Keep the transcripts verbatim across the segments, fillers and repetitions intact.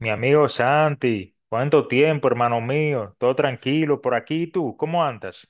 Mi amigo Santi, ¿cuánto tiempo, hermano mío? Todo tranquilo por aquí, ¿y ¿tú? ¿Cómo andas?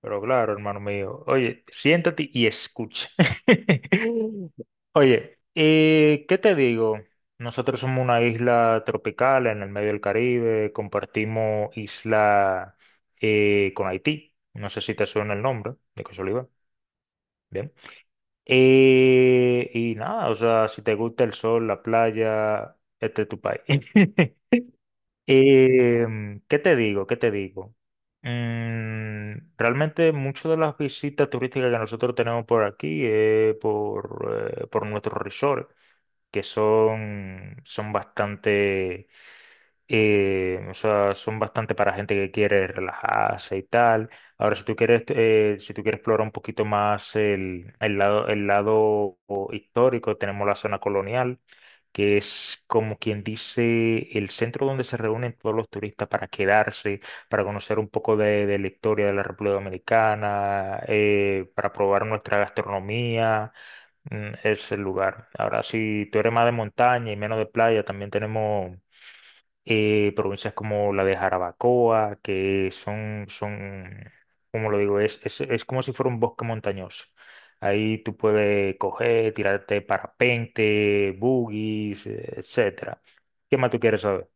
Pero claro, hermano mío, oye, siéntate y escucha. Oye, eh, ¿qué te digo? Nosotros somos una isla tropical en el medio del Caribe, compartimos isla eh, con Haití. No sé si te suena el nombre, de casualidad. Bien. Eh, y nada, o sea, si te gusta el sol, la playa, este es tu país. Em, ¿qué te digo? ¿Qué te digo? Mm, realmente muchas de las visitas turísticas que nosotros tenemos por aquí es por, eh, por nuestros resorts, que son, son bastante, eh, o sea, son bastante para gente que quiere relajarse y tal. Ahora, si tú quieres, eh, si tú quieres explorar un poquito más el, el lado, el lado histórico, tenemos la zona colonial que es como quien dice el centro donde se reúnen todos los turistas para quedarse, para conocer un poco de, de la historia de la República Dominicana, eh, para probar nuestra gastronomía, mm, es el lugar. Ahora, si tú eres más de montaña y menos de playa, también tenemos eh, provincias como la de Jarabacoa, que son, son, como lo digo, es, es, es como si fuera un bosque montañoso. Ahí tú puedes coger, tirarte parapente, buggies, eh, etcétera. ¿Qué más tú quieres saber?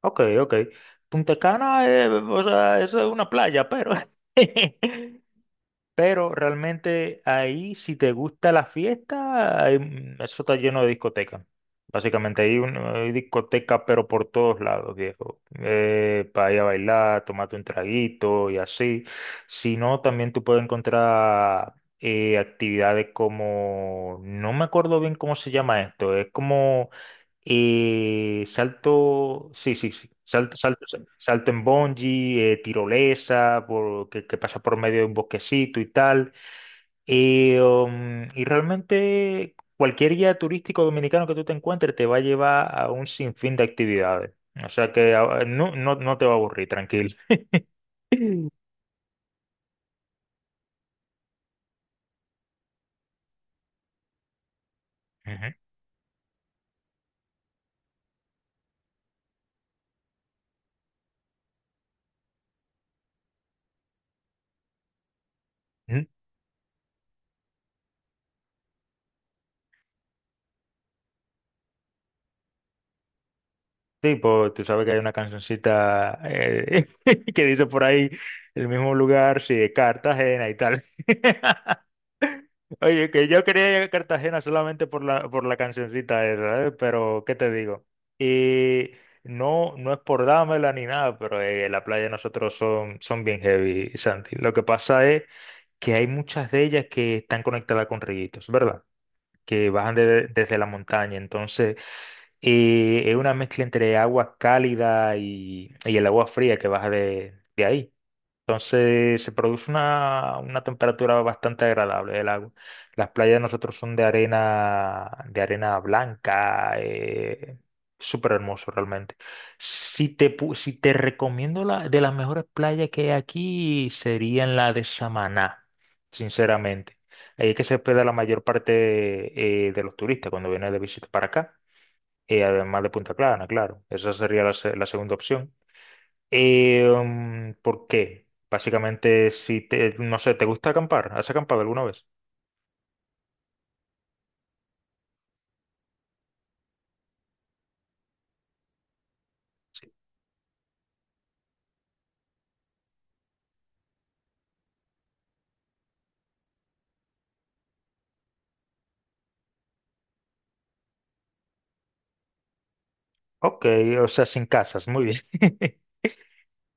Ok, ok. Punta Cana, eh, o sea, eso es una playa, pero Pero realmente ahí, si te gusta la fiesta, ahí, mm, eso está lleno de discotecas. Básicamente hay, un- hay discotecas, pero por todos lados, viejo. Eh, para ir a bailar, tomarte un traguito y así. Si no, también tú puedes encontrar eh, actividades como, no me acuerdo bien cómo se llama esto, es como eh, salto, sí, sí, sí. Salto, salto, salto en bungee, eh, tirolesa, por- que, que pasa por medio de un bosquecito y tal. Eh, um, y realmente cualquier guía turístico dominicano que tú te encuentres te va a llevar a un sinfín de actividades. O sea que ah, no, no, no te va a aburrir, tranquilo. Ujú. Ujú. Sí, pues tú sabes que hay una cancioncita eh, que dice por ahí el mismo lugar, sí, de Cartagena y tal. Oye, que yo quería ir a Cartagena solamente por la, por la cancioncita esa, ¿eh? Pero, ¿qué te digo? Y no, no es por dármela ni nada, pero eh, la playa de nosotros son, son bien heavy, Santi. Lo que pasa es que hay muchas de ellas que están conectadas con ríos, ¿verdad? Que bajan de- desde la montaña. Entonces, eh, es una mezcla entre agua cálida y, y el agua fría que baja de, de ahí. Entonces se produce una, una temperatura bastante agradable del agua. Las playas de nosotros son de arena, de arena blanca, eh, súper hermoso realmente. Si te, pu- si te recomiendo la, de las mejores playas que hay aquí, serían la de Samaná, sinceramente. Ahí es que se hospeda la mayor parte eh, de los turistas cuando vienen de visita para acá, eh, además de Punta Clara, claro. Esa sería la se- la segunda opción. Eh, mm, ¿por qué? Básicamente, si te, no sé, ¿te gusta acampar? ¿Has acampado alguna vez? Sí. Ok, o sea, sin casas, muy bien.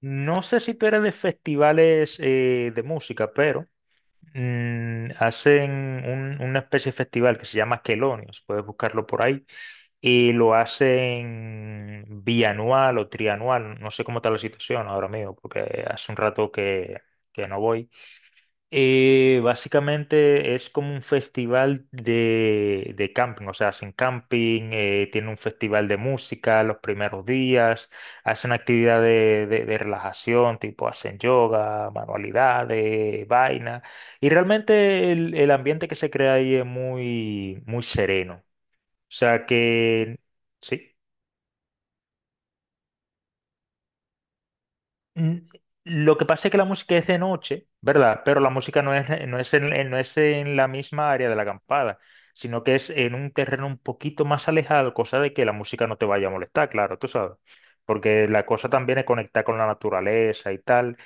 No sé si tú eres de festivales eh, de música, pero mm, hacen un- una especie de festival que se llama Quelonios, puedes buscarlo por ahí, y lo hacen bianual o trianual, no sé cómo está la situación ahora mismo, porque hace un rato que, que no voy. Eh, básicamente es como un festival de, de camping, o sea, hacen camping, eh, tiene un festival de música los primeros días, hacen actividades de, de relajación, tipo hacen yoga, manualidades, vaina, y realmente el, el ambiente que se crea ahí es muy, muy sereno, o sea que sí. Mm, Lo que pasa es que la música es de noche, ¿verdad? Pero la música no es, no es en, en- no es en la misma área de la acampada, sino que es en un terreno un poquito más alejado, cosa de que la música no te vaya a molestar, claro, tú sabes. Porque la cosa también es conectar con la naturaleza y tal.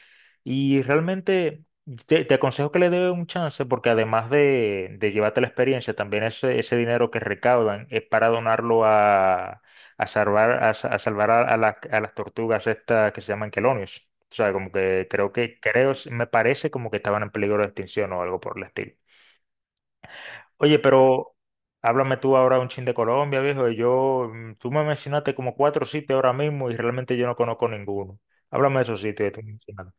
Y realmente te, te aconsejo que le dé un chance porque además de, de llevarte la experiencia, también ese, ese dinero que recaudan es para donarlo a, a salvar, a, sa- a salvar a, a las a las tortugas estas que se llaman quelonios. O sea, como que creo que, creo, me parece como que estaban en peligro de extinción o algo por el estilo. Oye, pero háblame tú ahora un chin de Colombia, viejo. Y Yo, mm, tú me mencionaste como cuatro sitios ahora mismo y realmente yo no conozco ninguno. Háblame de esos sitios que tú mencionaste.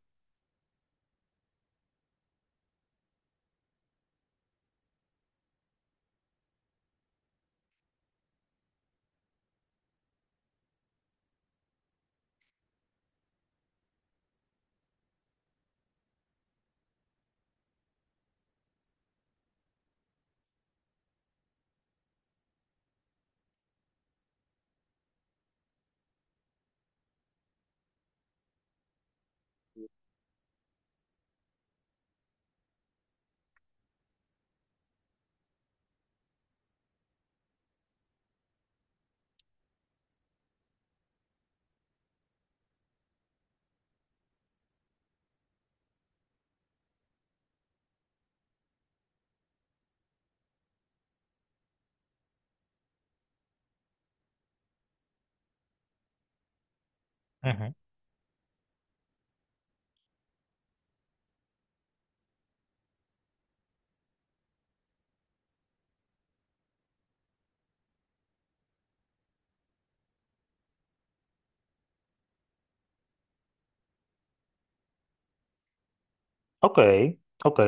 Ok, ok.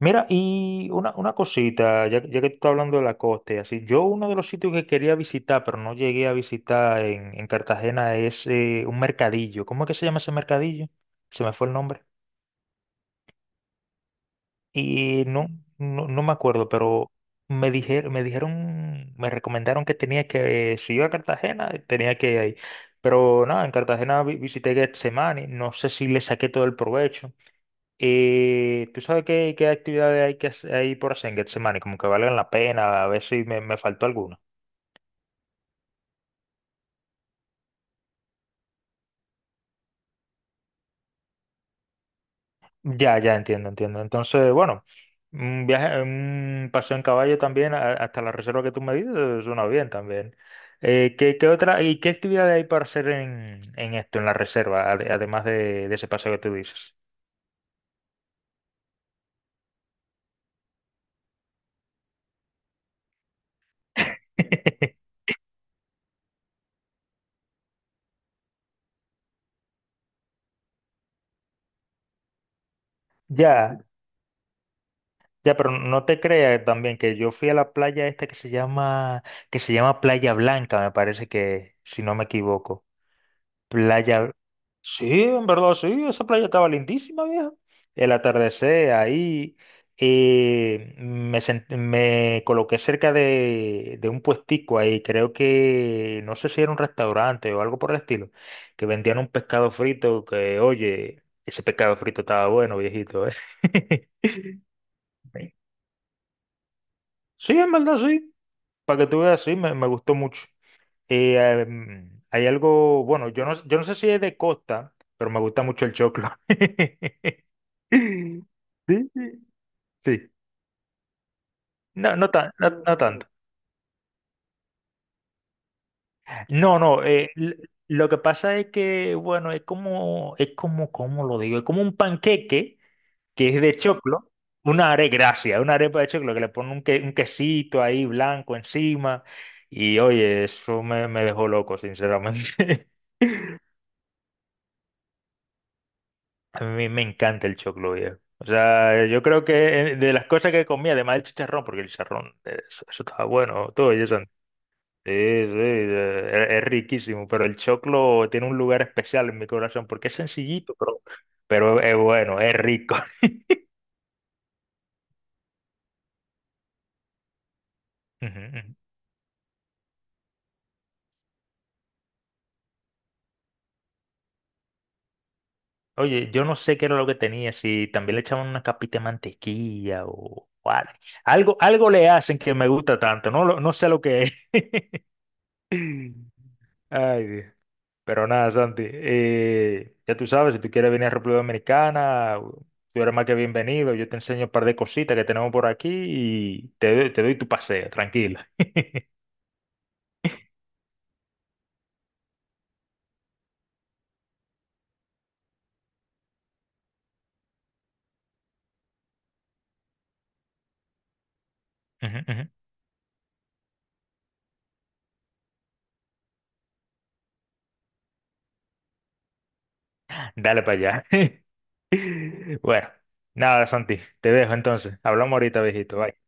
Mira, y una, una cosita, ya, ya que tú estás hablando de la costa y así, yo uno de los sitios que quería visitar, pero no llegué a visitar en, en Cartagena, es eh, un mercadillo. ¿Cómo es que se llama ese mercadillo? Se me fue el nombre. Y no, no, no me acuerdo, pero me dijeron, me dijeron, me recomendaron que tenía que, eh, si iba a Cartagena, tenía que ir ahí. Pero nada, en Cartagena vi- visité Getsemani, no sé si le saqué todo el provecho. Y tú sabes qué, qué actividades hay que hacer ahí por hacer en Getsemani, como que valgan la pena, a ver si me, me faltó alguna. Ya, ya entiendo, entiendo. Entonces, bueno, un viaje, un paseo en caballo también a- hasta la reserva que tú me dices suena bien también. Eh, ¿qué, qué otra, y qué actividades hay para hacer en, en esto, en la reserva, ade- además de, de ese paseo que tú dices? Ya. Ya, pero no te creas también que yo fui a la playa esta que se llama, que se llama Playa Blanca, me parece que, si no me equivoco. Playa. Sí, en verdad, sí, esa playa estaba lindísima, vieja. El atardecer ahí, eh, me, sent- me coloqué cerca de, de un puestico ahí, creo que, no sé si era un restaurante o algo por el estilo, que vendían un pescado frito que, oye, ese pescado frito estaba bueno, viejito, ¿eh? Sí, en verdad, sí. Para que tú veas, sí, me, me gustó mucho. Eh, em, hay algo, bueno, yo no, yo no sé si es de costa, pero me gusta mucho el choclo. Sí, sí. Sí. No, no, tan, no, no tanto. No, no, eh, l- lo que pasa es que, bueno, es como, es como, ¿cómo lo digo? Es como un panqueque que es de choclo, una arepa, gracias, una arepa de choclo que le pone un, que- un quesito ahí blanco encima. Y oye, eso me, me dejó loco, sinceramente. A mí me encanta el choclo viejo. O sea, yo creo que eh, de las cosas que comía, además del chicharrón, porque el chicharrón, eh, eso, eso estaba bueno, todo y eso. Sí, sí, eh, es, es riquísimo, pero el choclo tiene un lugar especial en mi corazón porque es sencillito, pero, pero es bueno, es rico. Ujú, ujú. Oye, yo no sé qué era lo que tenía, si también le echaban una capita de mantequilla o o al- algo, algo le hacen que me gusta tanto, no, lo- no sé lo que es. Ay, Dios. Pero nada, Santi, eh, ya tú sabes, si tú quieres venir a República Dominicana, tú eres más que bienvenido. Yo te enseño un par de cositas que tenemos por aquí y te, doy- te doy tu paseo, tranquila. Ujú, ujú. Dale para allá. Bueno, nada, Santi, te dejo entonces. Hablamos ahorita, viejito. Bye.